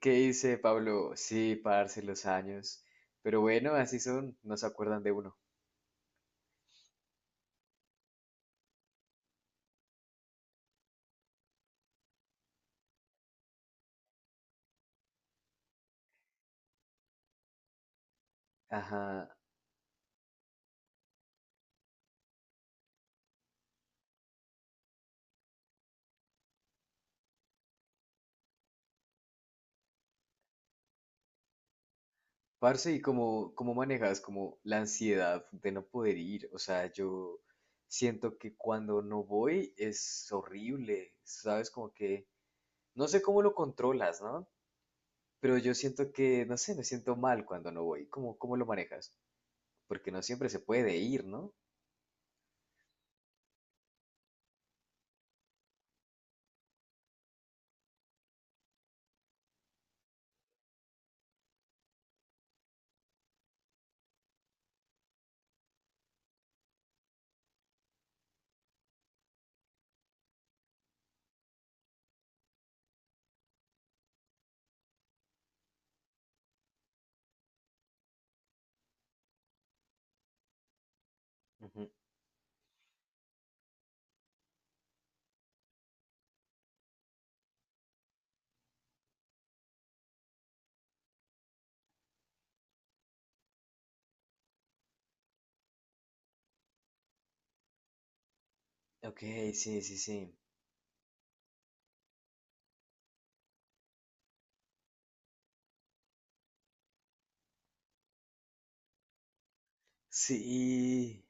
¿Qué dice Pablo? Sí, parce, los años. Pero bueno, así son, no se acuerdan de uno. Ajá. Parce, ¿y cómo manejas como la ansiedad de no poder ir? O sea, yo siento que cuando no voy es horrible, ¿sabes? Como que no sé cómo lo controlas, ¿no? Pero yo siento que, no sé, me siento mal cuando no voy. ¿Cómo lo manejas? Porque no siempre se puede ir, ¿no? Ujú. Ok, sí, sí, sí. Sí.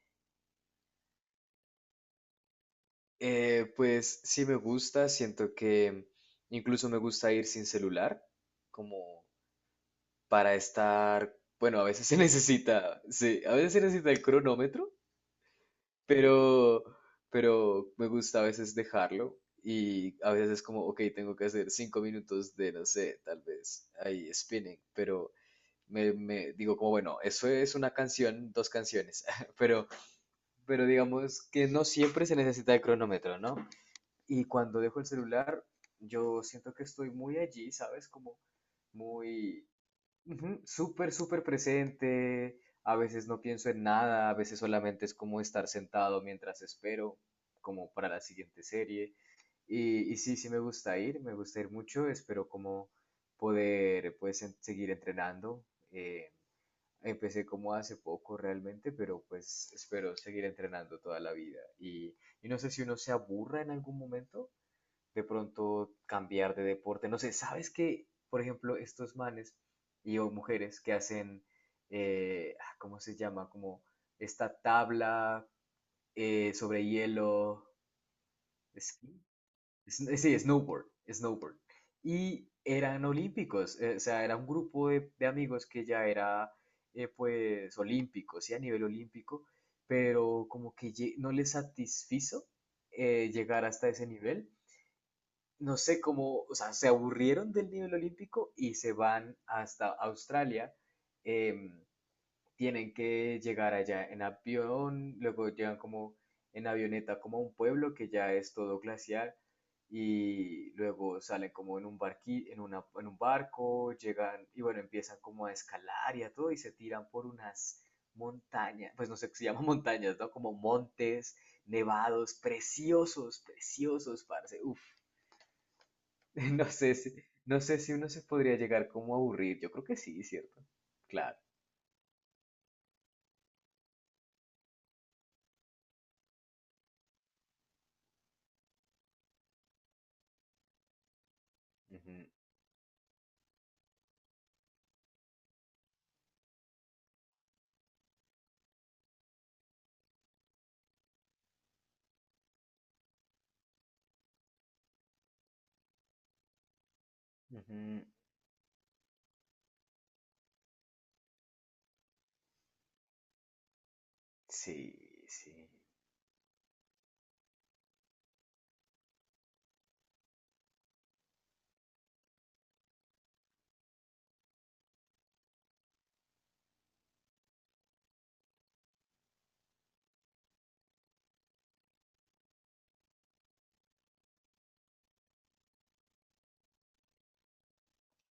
Pues sí me gusta, siento que incluso me gusta ir sin celular, como para estar, bueno, a veces se necesita, sí, a veces se necesita el cronómetro, pero, pero me gusta a veces dejarlo. Y a veces es como, ok, tengo que hacer 5 minutos de, no sé, tal vez ahí spinning, pero me digo como, bueno, eso es una canción, dos canciones, pero, pero digamos que no siempre se necesita el cronómetro, ¿no? Y cuando dejo el celular, yo siento que estoy muy allí, ¿sabes? Como muy, ujú, súper, súper presente. A veces no pienso en nada, a veces solamente es como estar sentado mientras espero, como para la siguiente serie. Y sí, sí me gusta ir mucho, espero como poder pues seguir entrenando. eh, Empecé como hace poco realmente, pero pues espero seguir entrenando toda la vida. Y no sé si uno se aburra en algún momento de pronto cambiar de deporte. No sé, ¿sabes que, por ejemplo, estos manes y o mujeres que hacen, ¿cómo se llama? Como esta tabla sobre hielo, esquí, es- sí, snowboard. Y eran olímpicos, o sea, era un grupo de amigos que ya era, pues, olímpicos, sí, a nivel olímpico, pero como que no les satisfizo llegar hasta ese nivel. No sé cómo, o sea, se aburrieron del nivel olímpico y se van hasta Australia. em, Tienen que llegar allá en avión, luego llegan como en avioneta como a un pueblo que ya es todo glaciar, y luego salen como en un en un barco, llegan y bueno, empiezan como a escalar y a todo y se tiran por unas montañas, pues no sé, qué se llaman montañas, ¿no? Como montes nevados, preciosos, preciosos, parce, uf. No sé si, no sé si uno se podría llegar como a aburrir. Yo creo que sí, ¿cierto? Claro. Ujú, ujú. Sí, sí,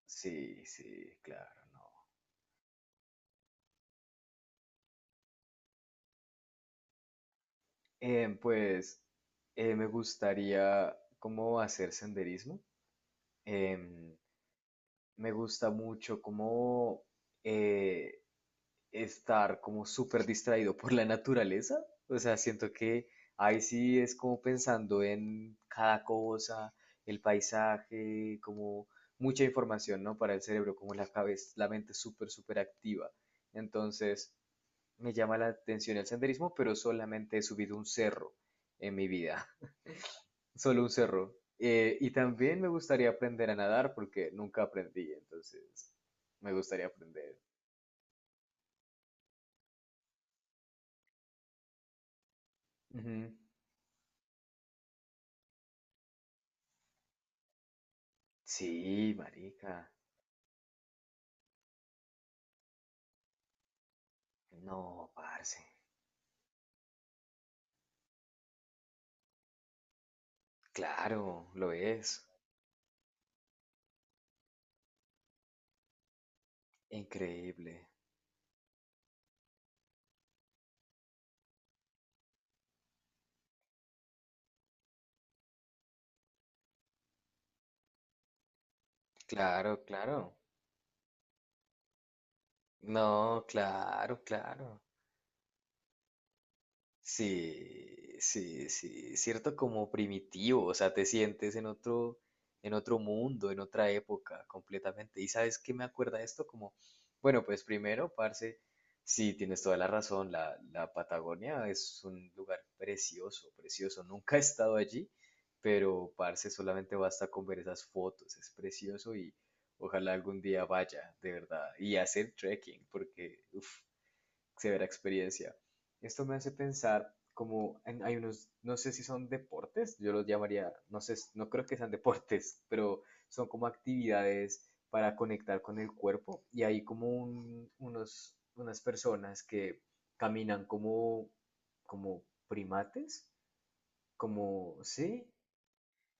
sí, sí, claro, no. Em, pues Me gustaría como hacer senderismo. Em, Me gusta mucho como eh, estar como súper distraído por la naturaleza. O sea, siento que ahí sí es como pensando en cada cosa, el paisaje, como mucha información, ¿no? Para el cerebro, como la cabeza, la mente súper, súper activa. Entonces, me llama la atención el senderismo, pero solamente he subido un cerro en mi vida, solo un cerro. Y también me gustaría aprender a nadar porque nunca aprendí, entonces me gustaría aprender. Ujú. Sí, marica. No, parce. Claro, lo es. Increíble. Claro, claro. No, claro, claro. Sí, sí, sí, cierto como primitivo, o sea, te sientes en otro mundo, en otra época completamente. ¿Y sabes qué me acuerda esto? Como, bueno, pues primero, parce, sí, tienes toda la razón, la, la Patagonia es un lugar precioso, precioso. Nunca he estado allí, pero parce, solamente basta con ver esas fotos, es precioso y ojalá algún día vaya, de verdad, y hacer trekking, porque, uff, severa experiencia. Esto me hace pensar como hay unos, no sé si son deportes, yo los llamaría, no sé, no creo que sean deportes, pero son como actividades para conectar con el cuerpo y hay como unos, unas personas que caminan como, como primates, como, sí,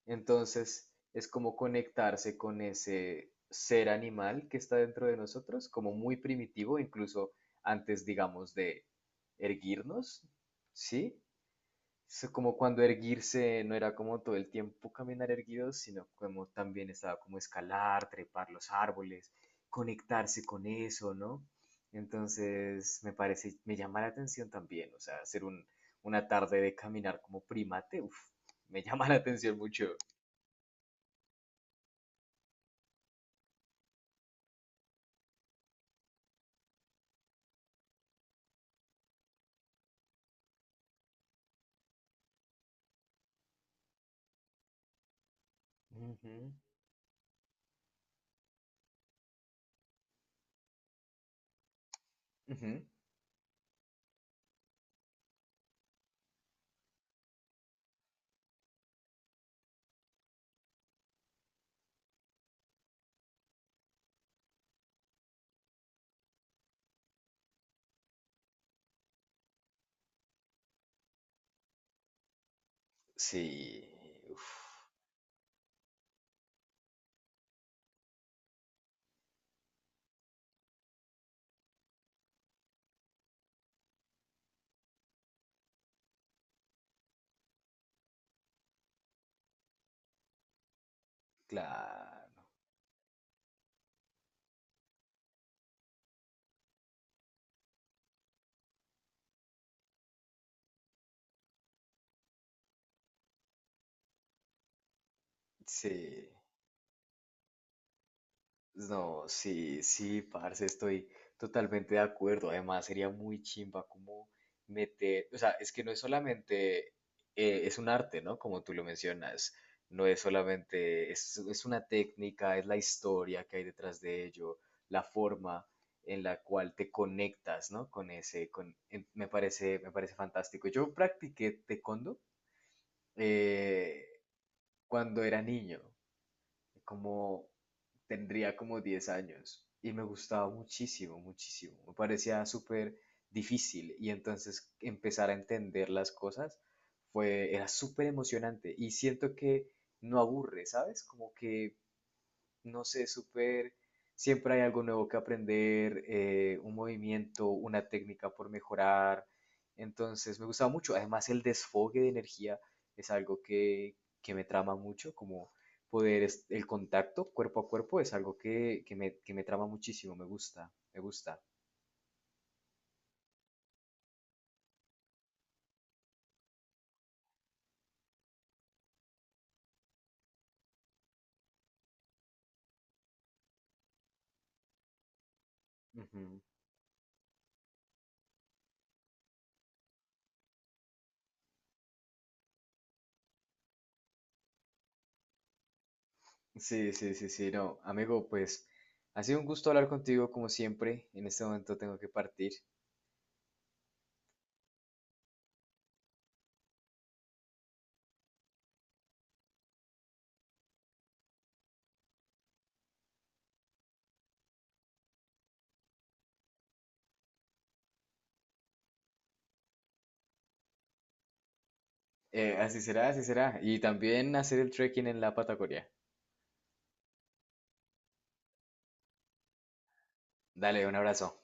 entonces, es como conectarse con ese ser animal que está dentro de nosotros, como muy primitivo, incluso antes, digamos, de erguirnos, ¿sí? Es como cuando erguirse no era como todo el tiempo caminar erguidos, sino como también estaba como escalar, trepar los árboles, conectarse con eso, ¿no? Entonces, me parece, me llama la atención también, o sea, hacer un, una tarde de caminar como primate, uf, me llama la atención mucho. Ujú, ujú. Sí, uf, claro, sí, no, sí, sí, parce, estoy totalmente de acuerdo. Además, sería muy chimba como meter, o sea, es que no es solamente, es un arte, ¿no? Como tú lo mencionas, no es solamente, es una técnica, es la historia que hay detrás de ello, la forma en la cual te conectas, ¿no? Con ese, con, me parece fantástico. Yo practiqué taekwondo. Eh, Cuando era niño, como tendría como 10 años y me gustaba muchísimo, muchísimo. Me parecía súper difícil y entonces empezar a entender las cosas fue, era súper emocionante y siento que no aburre, ¿sabes? Como que no sé, súper, siempre hay algo nuevo que aprender, un movimiento, una técnica por mejorar. Entonces me gustaba mucho. Además, el desfogue de energía es algo que me trama mucho, como poder, el contacto cuerpo a cuerpo es algo que, que me trama muchísimo, me gusta, me gusta. Ujú. Sí, sí, sí, sí, no, amigo, pues ha sido un gusto hablar contigo como siempre. En este momento tengo que partir. Así será, así será. Y también hacer el trekking en la Patagonia. Dale, un abrazo.